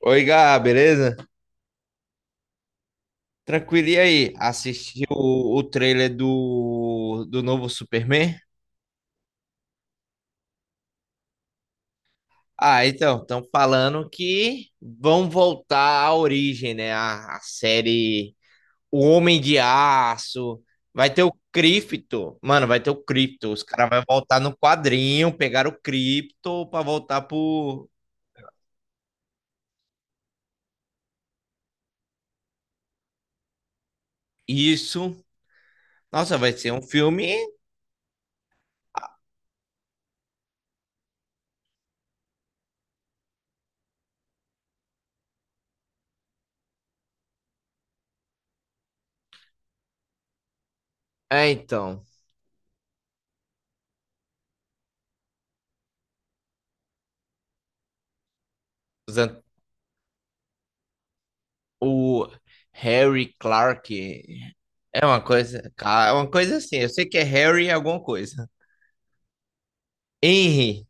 Oi, Gá, beleza? Tranquilo, e aí? Assistiu o trailer do novo Superman? Ah, então, estão falando que vão voltar à origem, né? A série O Homem de Aço. Vai ter o Krypto. Mano, vai ter o Krypto. Os caras vão voltar no quadrinho, pegar o Krypto pra voltar por isso. Nossa, vai ser um filme. É, então. os an- O Harry Clark. É uma coisa, cara, é uma coisa assim. Eu sei que é Harry alguma coisa. Henry.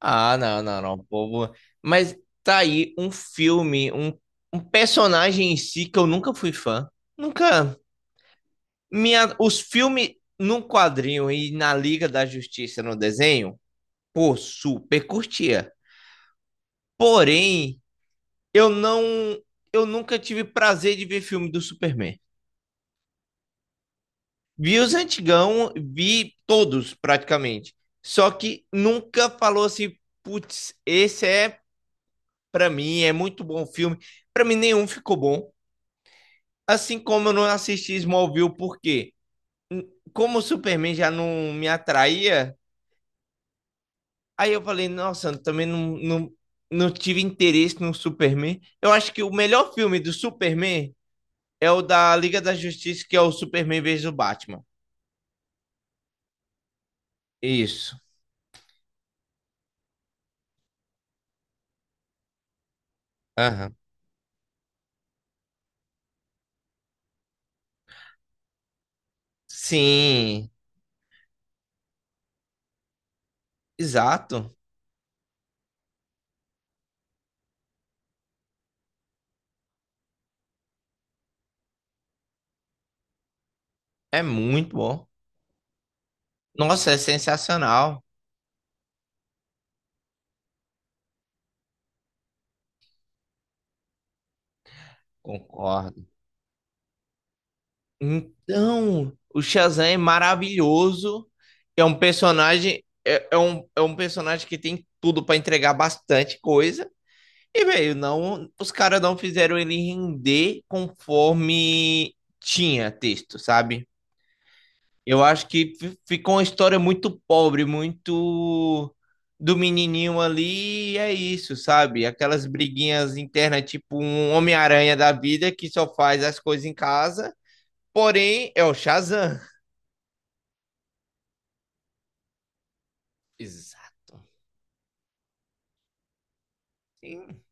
Ah, não, povo. Mas tá aí um filme, um personagem em si que eu nunca fui fã. Nunca. Minha, os filmes num quadrinho e na Liga da Justiça no desenho, pô, super curtia. Porém, eu não, eu nunca tive prazer de ver filme do Superman. Vi os antigão, vi todos praticamente. Só que nunca falou assim, putz, esse é pra mim, é muito bom o filme. Pra mim nenhum ficou bom. Assim como eu não assisti Smallville, por quê? Como o Superman já não me atraía, aí eu falei, nossa, eu também não tive interesse no Superman. Eu acho que o melhor filme do Superman é o da Liga da Justiça, que é o Superman vs o Batman. Isso. Aham. Sim, exato. É muito bom. Nossa, é sensacional. Concordo. Então, o Shazam é maravilhoso. É um personagem, é um personagem que tem tudo para entregar bastante coisa. E, velho, não, os caras não fizeram ele render conforme tinha texto, sabe? Eu acho que ficou uma história muito pobre, muito do menininho ali, e é isso, sabe? Aquelas briguinhas internas, tipo um Homem-Aranha da vida que só faz as coisas em casa, porém é o Shazam. Exato. Sim,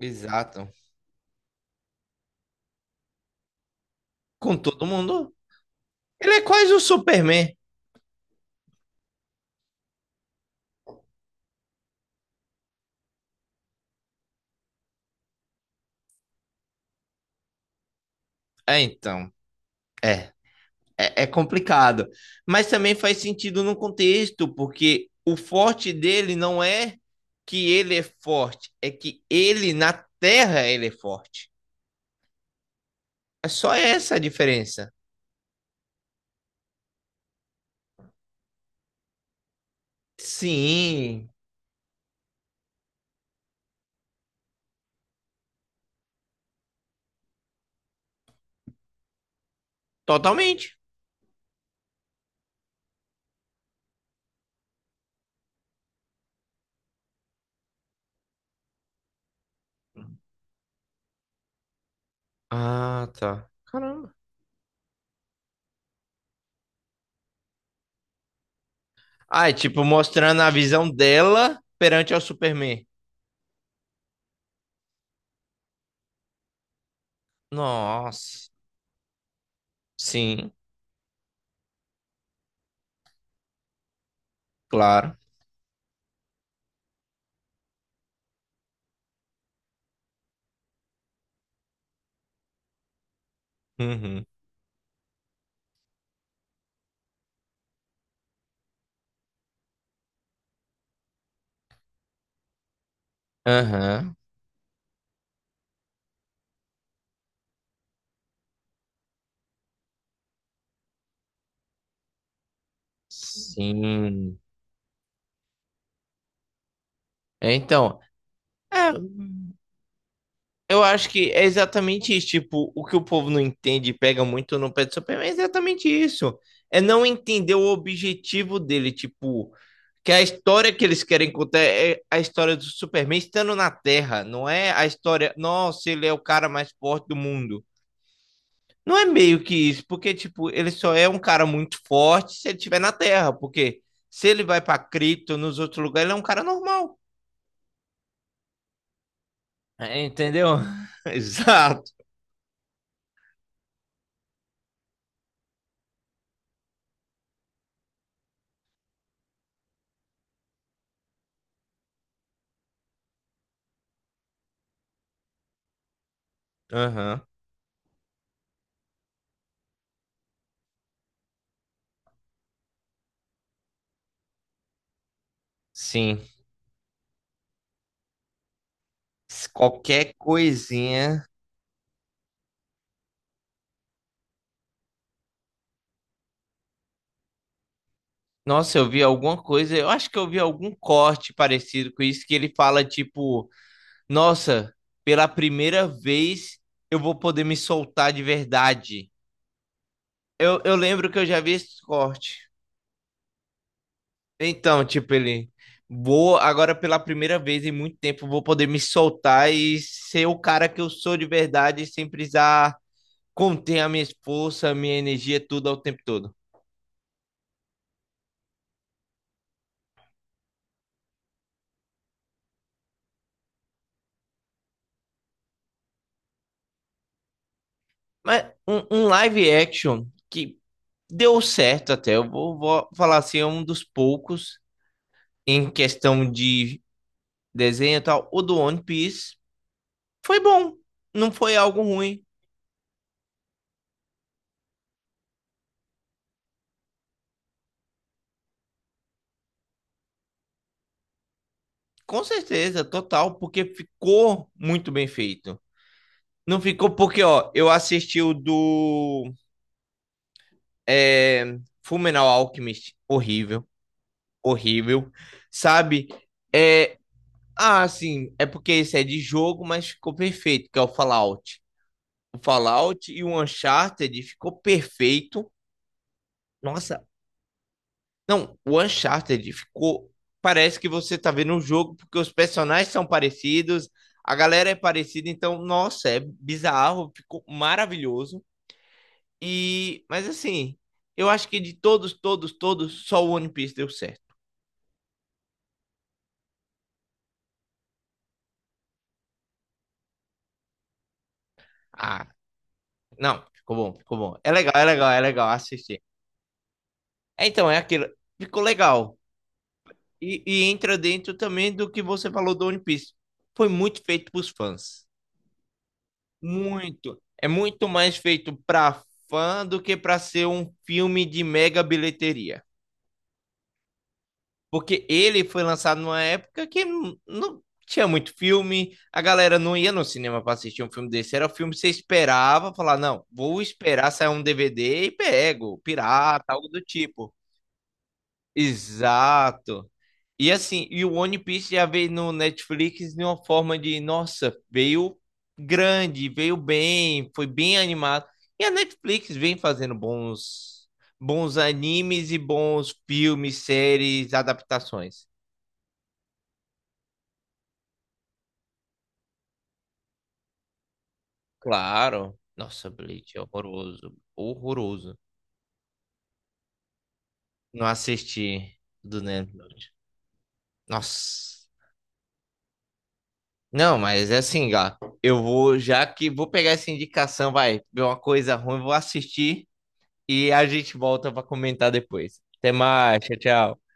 exato. Com todo mundo. Ele é quase o Superman. É, então. É. É, é complicado. Mas também faz sentido no contexto, porque o forte dele não é que ele é forte, é que ele na terra ele é forte. É só essa a diferença. Sim, totalmente. Ah, tá. Caramba. Ah, é tipo mostrando a visão dela perante ao Superman. Nossa. Sim, claro. Uhum. Aham. Sim. É, então, é, eu acho que é exatamente isso. Tipo, o que o povo não entende e pega muito no pé do Superman é exatamente isso. É não entender o objetivo dele. Tipo, que a história que eles querem contar é a história do Superman estando na Terra. Não é a história, nossa, ele é o cara mais forte do mundo. Não é meio que isso, porque, tipo, ele só é um cara muito forte se ele estiver na Terra. Porque se ele vai pra Krypton, nos outros lugares, ele é um cara normal. É, entendeu? Exato. Aham. Sim. Se qualquer coisinha. Nossa, eu vi alguma coisa, eu acho que eu vi algum corte parecido com isso, que ele fala tipo, nossa, pela primeira vez eu vou poder me soltar de verdade. Eu lembro que eu já vi esse corte. Então, tipo, ele, vou agora pela primeira vez em muito tempo vou poder me soltar e ser o cara que eu sou de verdade sem precisar conter a minha força, a minha energia, tudo ao tempo todo. Mas um live action que deu certo até, vou falar assim, é um dos poucos em questão de desenho e tal. O do One Piece foi bom, não foi algo ruim. Com certeza, total, porque ficou muito bem feito. Não ficou porque, ó, eu assisti o do é, Fullmetal Alchemist, horrível, horrível, sabe? É, ah, sim, é porque esse é de jogo, mas ficou perfeito, que é o Fallout. O Fallout e o Uncharted ficou perfeito. Nossa, não, o Uncharted ficou. Parece que você tá vendo um jogo, porque os personagens são parecidos, a galera é parecida, então, nossa, é bizarro, ficou maravilhoso. E, mas assim, eu acho que de todos, todos, todos, só o One Piece deu certo. Ah, não, ficou bom, ficou bom. É legal, é legal, é legal assistir. É, então, é aquilo, ficou legal. E entra dentro também do que você falou do One Piece. Foi muito feito pros fãs. Muito. É muito mais feito pra fã do que pra ser um filme de mega bilheteria. Porque ele foi lançado numa época que não tinha muito filme, a galera não ia no cinema pra assistir um filme desse. Era o filme que você esperava, falar, não, vou esperar sair um DVD e pego, pirata, algo do tipo. Exato. E assim, e o One Piece já veio no Netflix de uma forma de, nossa, veio grande, veio bem, foi bem animado. E a Netflix vem fazendo bons, bons animes e bons filmes, séries, adaptações. Claro. Nossa, Bleach é horroroso, horroroso. Não assisti do Netflix. Nossa. Não, mas é assim, gato. Eu vou, já que vou pegar essa indicação, vai ver uma coisa ruim, vou assistir. E a gente volta para comentar depois. Até mais, tchau, tchau.